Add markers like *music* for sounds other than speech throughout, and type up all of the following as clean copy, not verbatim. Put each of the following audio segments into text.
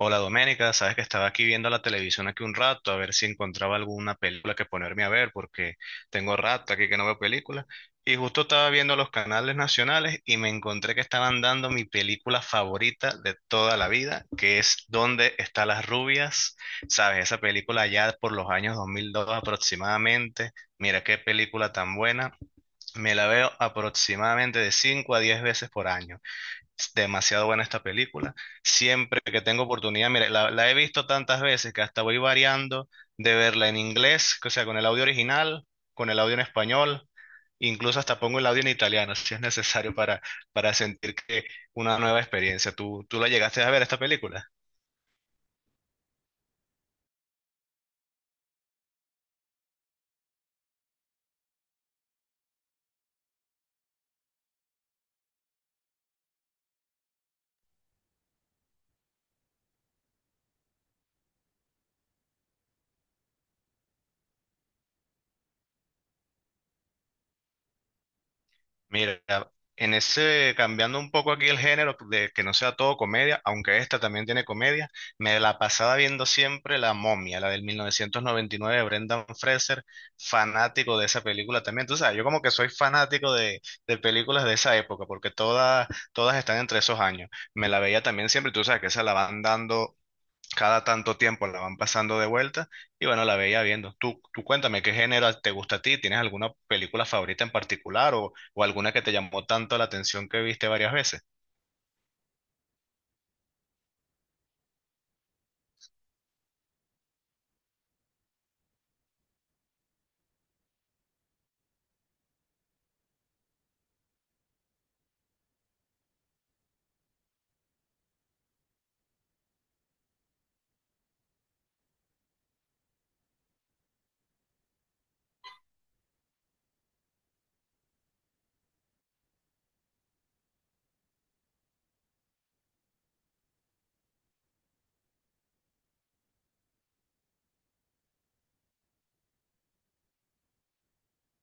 Hola Doménica, sabes que estaba aquí viendo la televisión aquí un rato a ver si encontraba alguna película que ponerme a ver porque tengo rato aquí que no veo películas y justo estaba viendo los canales nacionales y me encontré que estaban dando mi película favorita de toda la vida que es ¿Dónde están las rubias? Sabes, esa película ya por los años 2002 aproximadamente, mira qué película tan buena, me la veo aproximadamente de 5 a 10 veces por año. Es demasiado buena esta película. Siempre que tengo oportunidad, mire, la he visto tantas veces que hasta voy variando de verla en inglés, o sea, con el audio original, con el audio en español, incluso hasta pongo el audio en italiano, *laughs* si es necesario para sentir que una nueva experiencia. ¿Tú la llegaste a ver esta película? Mira, en ese, cambiando un poco aquí el género, de que no sea todo comedia, aunque esta también tiene comedia, me la pasaba viendo siempre La Momia, la del 1999 de Brendan Fraser, fanático de esa película también. Tú sabes, yo como que soy fanático de películas de esa época, porque todas están entre esos años. Me la veía también siempre, tú sabes que esa la van dando cada tanto tiempo la van pasando de vuelta y bueno, la veía viendo. Tú cuéntame, ¿qué género te gusta a ti? ¿Tienes alguna película favorita en particular o alguna que te llamó tanto la atención que viste varias veces?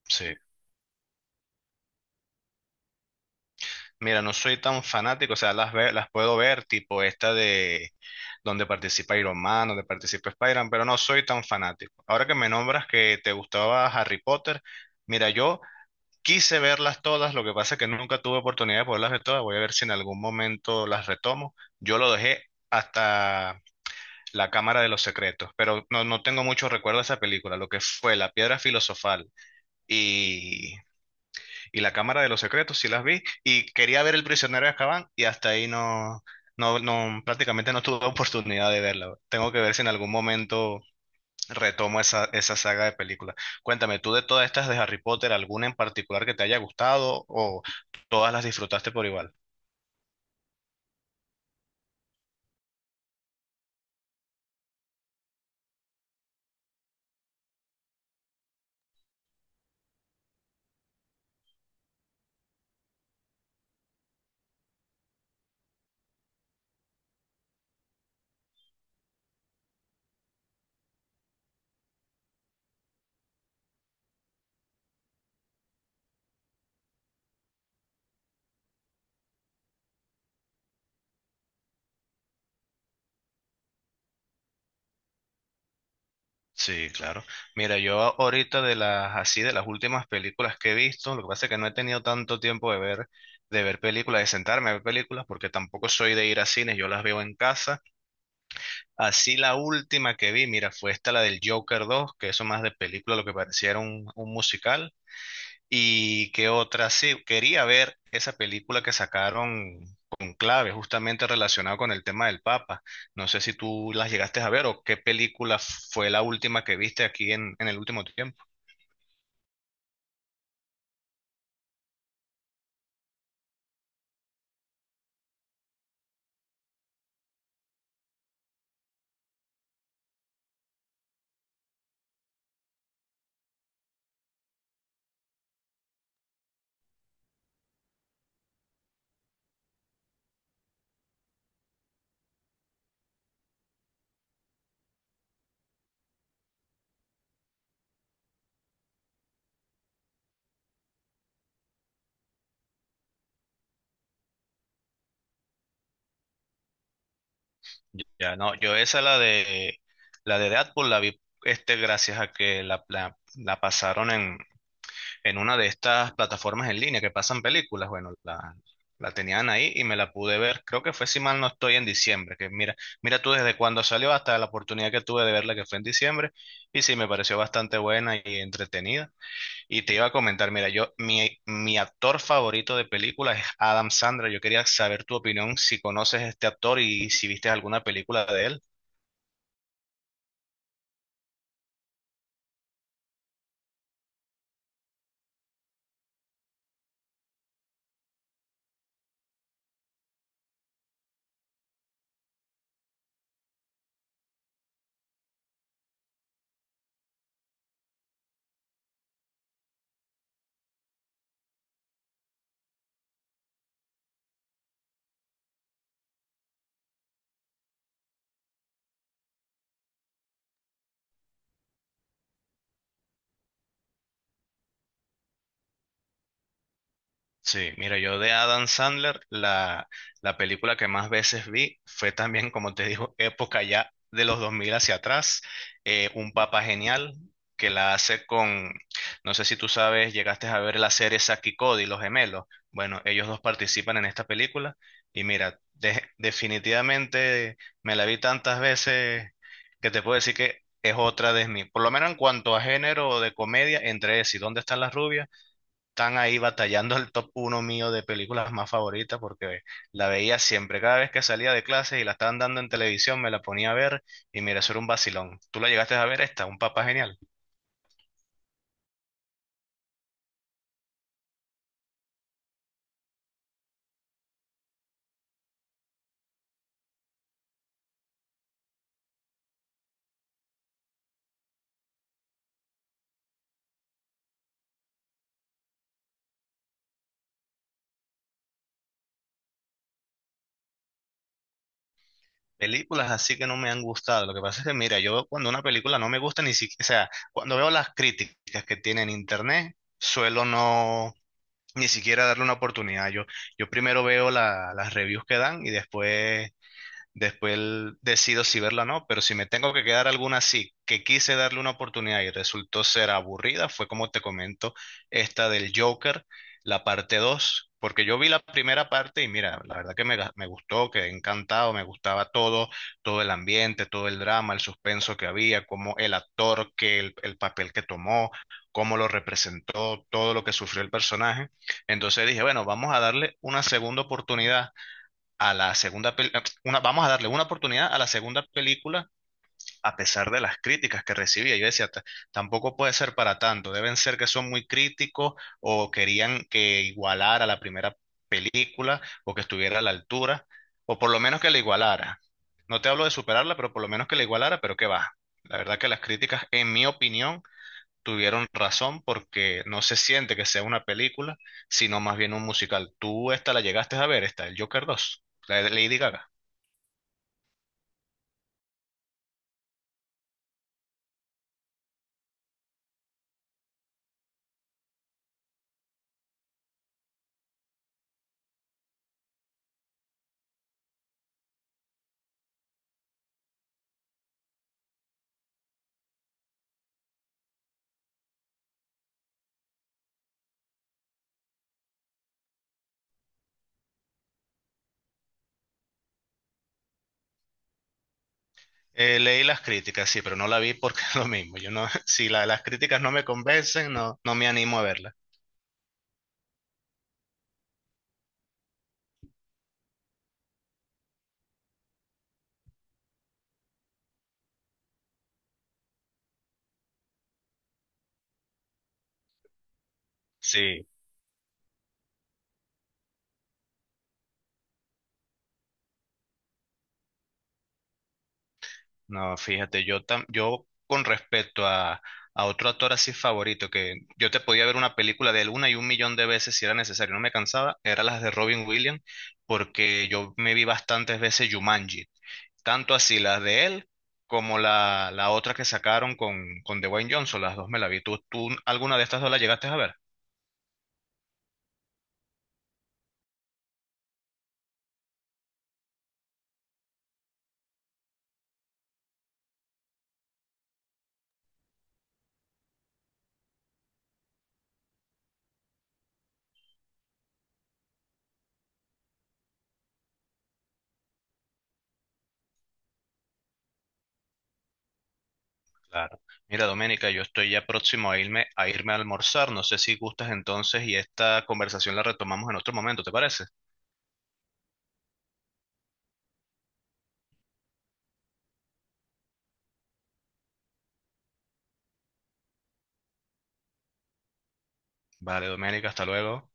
Sí. Mira, no soy tan fanático, o sea, las puedo ver, tipo esta de donde participa Iron Man, donde participa Spider-Man, pero no soy tan fanático. Ahora que me nombras que te gustaba Harry Potter, mira, yo... Quise verlas todas, lo que pasa es que nunca tuve oportunidad de poderlas ver todas. Voy a ver si en algún momento las retomo. Yo lo dejé hasta La Cámara de los Secretos, pero no tengo mucho recuerdo de esa película. Lo que fue La Piedra Filosofal y, y La Cámara de los Secretos, sí las vi. Y quería ver El Prisionero de Azkaban y hasta ahí no, prácticamente no tuve *laughs* oportunidad de verla. Tengo que ver si en algún momento retomo esa saga de películas. Cuéntame, ¿tú de todas estas de Harry Potter, alguna en particular que te haya gustado o todas las disfrutaste por igual? Sí, claro. Mira, yo ahorita de las así de las últimas películas que he visto, lo que pasa es que no he tenido tanto tiempo de ver películas, de sentarme a ver películas, porque tampoco soy de ir a cines, yo las veo en casa. Así la última que vi, mira, fue esta la del Joker 2 que eso más de película lo que pareciera un musical. Y qué otra, sí, quería ver esa película que sacaron con clave, justamente relacionado con el tema del Papa. No sé si tú las llegaste a ver o qué película fue la última que viste aquí en el último tiempo. Ya no, yo esa la de Deadpool la vi este gracias a que la pasaron en una de estas plataformas en línea que pasan películas. Bueno, la tenían ahí y me la pude ver. Creo que fue, si mal no estoy, en diciembre. Que mira, mira tú desde cuando salió hasta la oportunidad que tuve de verla, que fue en diciembre. Y sí, me pareció bastante buena y entretenida. Y te iba a comentar, mira, yo, mi actor favorito de películas es Adam Sandler. Yo quería saber tu opinión, si conoces a este actor y si viste alguna película de él. Sí, mira, yo de Adam Sandler, la película que más veces vi fue también, como te digo, época ya de los 2000 hacia atrás, Un Papá Genial, que la hace con, no sé si tú sabes, llegaste a ver la serie Zack y Cody, Los Gemelos. Bueno, ellos dos participan en esta película y mira, definitivamente me la vi tantas veces que te puedo decir que es otra de mis, por lo menos en cuanto a género de comedia, entre ese y ¿Dónde están las rubias? Están ahí batallando el top uno mío de películas más favoritas porque la veía siempre. Cada vez que salía de clase y la estaban dando en televisión, me la ponía a ver y mira, eso era un vacilón. ¿Tú la llegaste a ver esta? Un papá genial. Películas así que no me han gustado. Lo que pasa es que, mira, yo cuando una película no me gusta ni siquiera, o sea, cuando veo las críticas que tiene en internet, suelo ni siquiera darle una oportunidad. Yo primero veo las reviews que dan y después después decido si verla o no, pero si me tengo que quedar alguna así, que quise darle una oportunidad y resultó ser aburrida, fue como te comento, esta del Joker, la parte 2 porque yo vi la primera parte y mira, la verdad que me, me gustó, quedé encantado, me gustaba todo, todo el ambiente, todo el drama, el suspenso que había, como el actor, que el papel que tomó, cómo lo representó, todo lo que sufrió el personaje. Entonces dije, bueno, vamos a darle una segunda oportunidad a la segunda vamos a darle una oportunidad a la segunda película a pesar de las críticas que recibía. Yo decía, tampoco puede ser para tanto, deben ser que son muy críticos o querían que igualara la primera película o que estuviera a la altura o por lo menos que la igualara. No te hablo de superarla, pero por lo menos que la igualara, pero qué va. La verdad que las críticas, en mi opinión, tuvieron razón porque no se siente que sea una película, sino más bien un musical. ¿Tú esta la llegaste a ver, esta, el Joker 2 la de Lady Gaga? Leí las críticas, sí, pero no la vi porque *laughs* es lo mismo. Yo no, *laughs* si las críticas no me convencen, no me animo a verla. Sí, no, fíjate, yo, yo con respecto a otro actor así favorito, que yo te podía ver una película de él una y un millón de veces si era necesario, no me cansaba, eran las de Robin Williams, porque yo me vi bastantes veces Jumanji, tanto así las de él como la otra que sacaron con Dwayne Johnson, las dos me la vi. ¿Tú alguna de estas dos la llegaste a ver? Claro. Mira, Doménica, yo estoy ya próximo a irme, a irme a almorzar, no sé si gustas entonces y esta conversación la retomamos en otro momento, ¿te parece? Vale, Doménica, hasta luego.